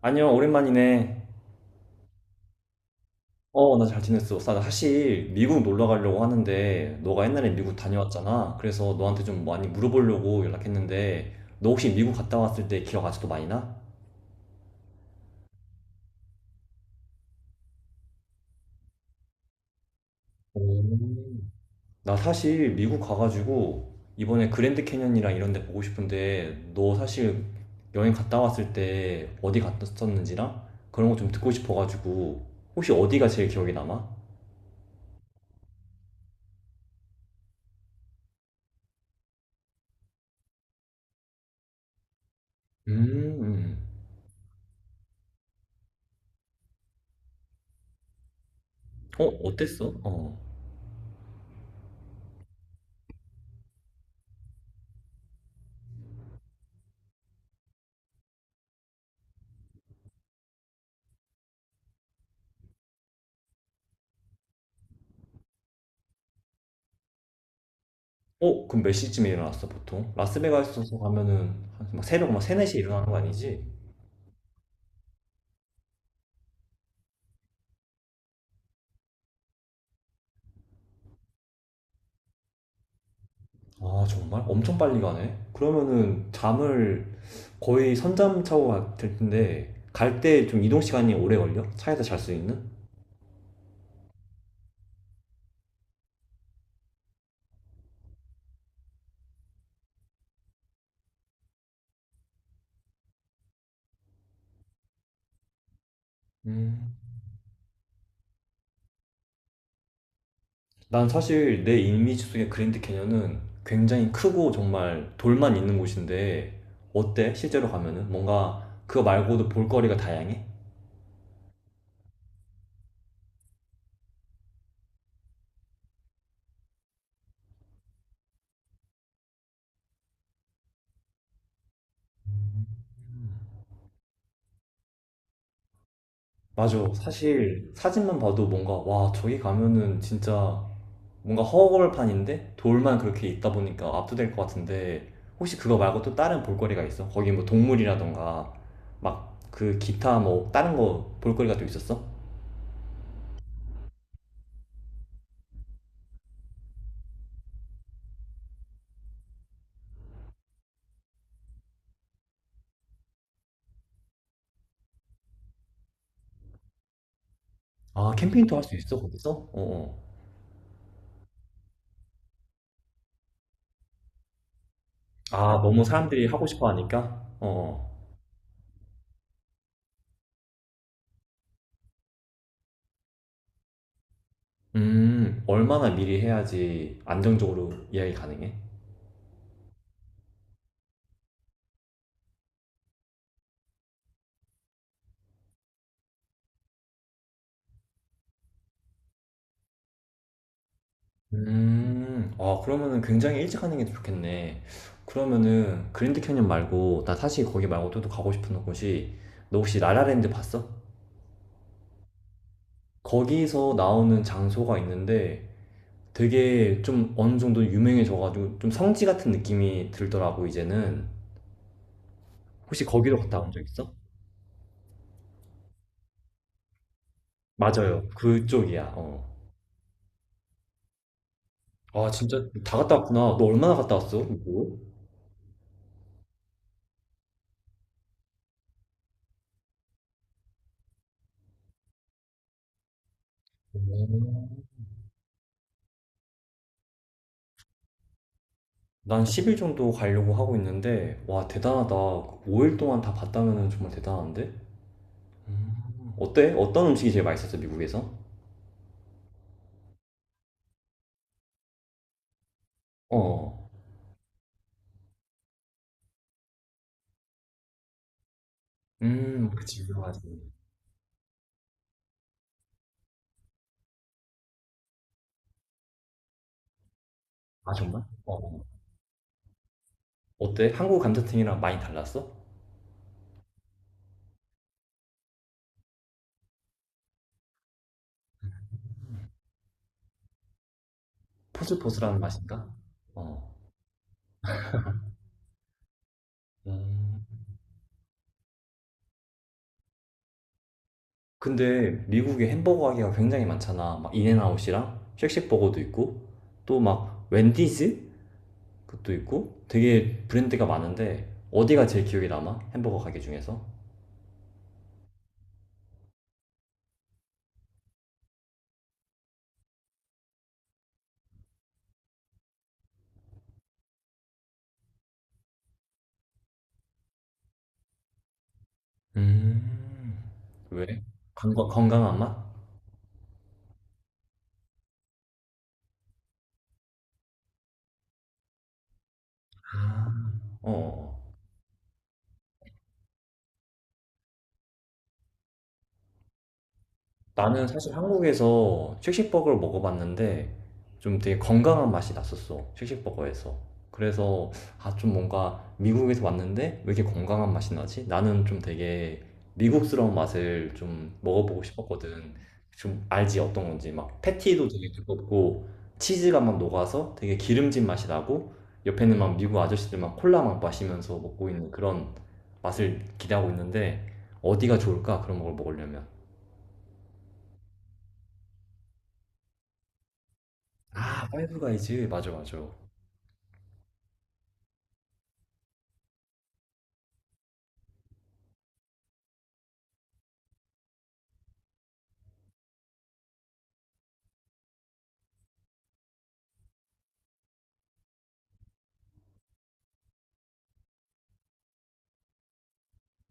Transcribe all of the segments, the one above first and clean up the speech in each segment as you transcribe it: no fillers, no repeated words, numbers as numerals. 아니요, 오랜만이네. 어, 나 잘 지냈어. 나 사실 미국 놀러 가려고 하는데, 너가 옛날에 미국 다녀왔잖아. 그래서 너한테 좀 많이 물어보려고 연락했는데, 너 혹시 미국 갔다 왔을 때 기억 아직도 많이 나? 오. 나 사실 미국 가가지고, 이번에 그랜드 캐년이랑 이런 데 보고 싶은데, 너 사실 여행 갔다 왔을 때 어디 갔었는지랑 그런 거 좀 듣고 싶어가지고, 혹시 어디가 제일 기억에 남아? 음, 어, 어땠어? 어. 어? 그럼 몇 시쯤에 일어났어, 보통? 라스베가스에서 가면은 한막 새벽 막 3, 4시에 일어나는 거 아니지? 아, 정말? 엄청 빨리 가네? 그러면은 잠을 거의 선잠 차고 갈될 텐데, 갈 때 좀 이동 시간이 오래 걸려? 차에서 잘 수 있는? 음. 난 사실 내 이미지 속의 그랜드 캐년은 굉장히 크고 정말 돌만 있는 곳인데, 어때? 실제로 가면은? 뭔가 그거 말고도 볼거리가 다양해? 맞아. 사실 사진만 봐도 뭔가, 와, 저기 가면은 진짜 뭔가 허허벌판인데 돌만 그렇게 있다 보니까 압도될 것 같은데 혹시 그거 말고 또 다른 볼거리가 있어? 거기 뭐 동물이라던가 막 그 기타 뭐 다른 거 볼거리가 또 있었어? 아, 캠핑도 할 수 있어 거기서? 어, 어. 아, 너무 사람들이 하고 싶어 하니까? 어. 어. 음, 얼마나 미리 해야지 안정적으로 예약이 가능해? 아, 그러면은 굉장히 일찍 하는 게 좋겠네. 그러면은 그랜드 캐니언 말고, 나 사실 거기 말고 또 가고 싶은 곳이, 너 혹시 라라랜드 봤어? 거기서 나오는 장소가 있는데 되게 좀 어느 정도 유명해져가지고 좀 성지 같은 느낌이 들더라고 이제는. 혹시 거기로 갔다 온 적 있어? 맞아요, 그쪽이야. 어. 아, 진짜 다 갔다 왔구나. 너 얼마나 갔다 왔어? 뭐? 오. 난 10일 정도 가려고 하고 있는데, 와, 대단하다. 5일 동안 다 봤다면 정말 대단한데? 음. 어때? 어떤 음식이 제일 맛있었어, 미국에서? 어. 그치, 유명하지. 아, 정말? 어. 어때? 한국 감자탕이랑 많이 달랐어? 포슬포슬한 맛인가? 어. 음. 근데 미국에 햄버거 가게가 굉장히 많잖아. 막 인앤아웃이랑 쉑쉑버거도 있고 또 막 웬디즈 그것도 있고 되게 브랜드가 많은데 어디가 제일 기억에 남아? 햄버거 가게 중에서? 음. 왜? 건강한 맛? 아, 어. 나는 사실 한국에서 쉑쉑버거를 먹어봤는데 좀 되게 건강한 맛이 났었어, 쉑쉑버거에서. 그래서 아, 좀 뭔가 미국에서 왔는데 왜 이렇게 건강한 맛이 나지? 나는 좀 되게 미국스러운 맛을 좀 먹어보고 싶었거든. 좀 알지 어떤 건지. 막 패티도 되게 두껍고 치즈가 막 녹아서 되게 기름진 맛이 나고 옆에는 막 미국 아저씨들 막 콜라 막 마시면서 먹고 있는 그런 맛을 기대하고 있는데 어디가 좋을까? 그런 걸 먹으려면. 아, 파이브 가이즈. 맞아, 맞아.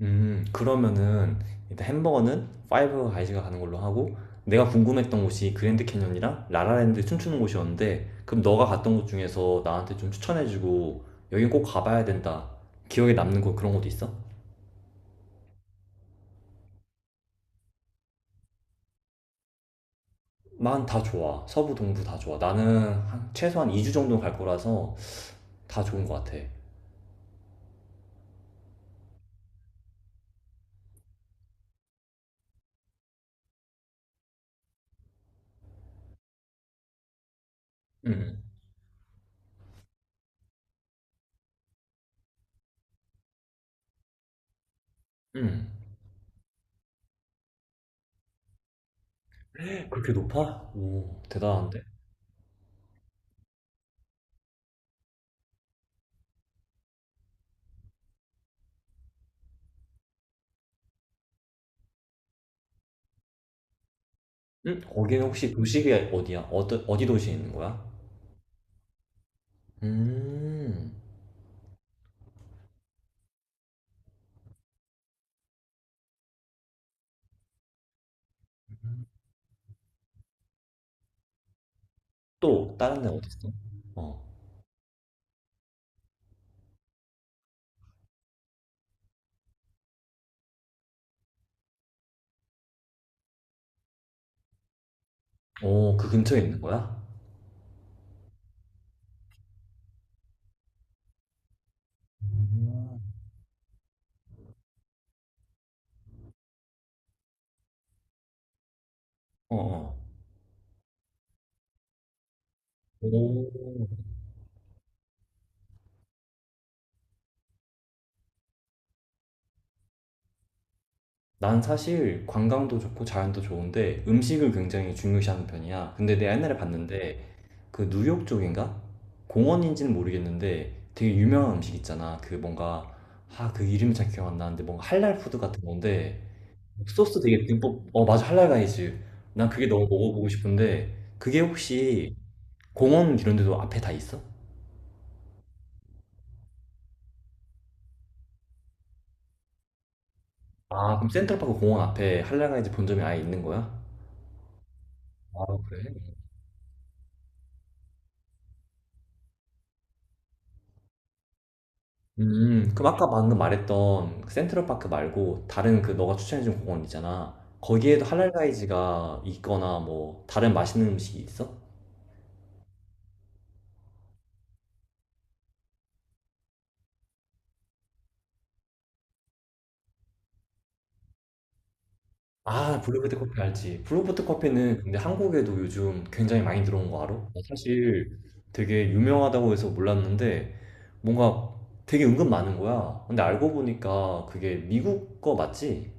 그러면은 일단 햄버거는 파이브 가이즈가 가는 걸로 하고, 내가 궁금했던 곳이 그랜드 캐년이랑 라라랜드 춤추는 곳이었는데, 그럼 너가 갔던 곳 중에서 나한테 좀 추천해주고, 여긴 꼭 가봐야 된다, 기억에 남는 곳, 그런 곳도 있어? 난 다 좋아. 서부, 동부 다 좋아. 나는 한 최소한 2주 정도 갈 거라서 다 좋은 것 같아. 음, 음. 그렇게 높아? 오, 대단한데? 응? 거기는 혹시 도시가 어디야? 어디 도시에 있는 거야? 음. 또 다른 데는 어딨어? 어. 오, 그 근처에 있는 거야? 음. 어, 어. 오. 난 사실 관광도 좋고 자연도 좋은데 음식을 굉장히 중요시하는 편이야. 근데 내가 옛날에 봤는데, 그 뉴욕 쪽인가? 공원인지는 모르겠는데 되게 유명한 음식 있잖아. 그 뭔가, 아, 그 이름이 잘 기억 안 나는데, 뭔가 할랄 푸드 같은 건데 소스 되게 듬뿍. 어, 맞아, 할랄가이즈. 난 그게 너무 먹어보고 싶은데, 그게 혹시 공원 이런 데도 앞에 다 있어? 아, 그럼 센트럴파크 공원 앞에 할랄가이즈 본점이 아예 있는 거야? 아, 그래? 음, 그럼 아까 방금 말했던 센트럴파크 말고 다른 그 너가 추천해준 공원 있잖아, 거기에도 할랄가이즈가 있거나 뭐 다른 맛있는 음식이 있어? 아, 블루베트 커피 알지. 블루베트 커피는 근데 한국에도 요즘 굉장히 많이 들어온 거 알아? 나 사실 되게 유명하다고 해서, 몰랐는데 뭔가 되게 은근 많은 거야. 근데 알고 보니까 그게 미국 거 맞지?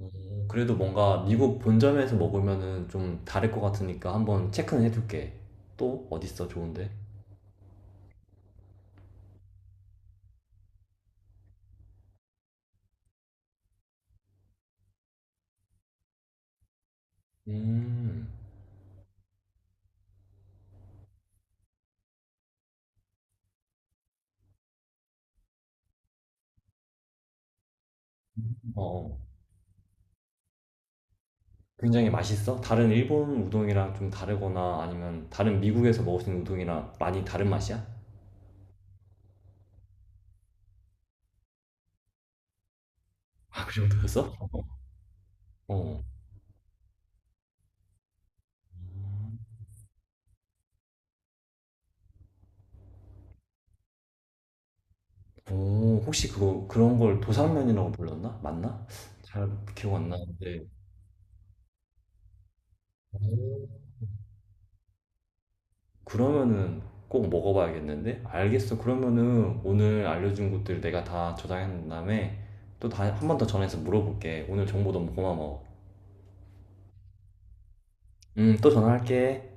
그래도 뭔가 미국 본점에서 먹으면은 좀 다를 것 같으니까 한번 체크는 해둘게. 또 어딨어 좋은데? 음, 어, 어. 굉장히 맛있어? 다른 일본 우동이랑 좀 다르거나 아니면 다른 미국에서 먹을 수 있는 우동이랑 많이 다른 맛이야? 아, 그 정도였어? 어. 어. 오, 혹시 그거 그런 걸 도상면이라고 불렀나? 맞나? 잘 기억 안 나는데. 오. 그러면은 꼭 먹어봐야겠는데? 알겠어. 그러면은 오늘 알려준 것들 내가 다 저장한 다음에 또 다, 한 번 더 전화해서 물어볼게. 오늘 정보 너무 고마워. 또 전화할게.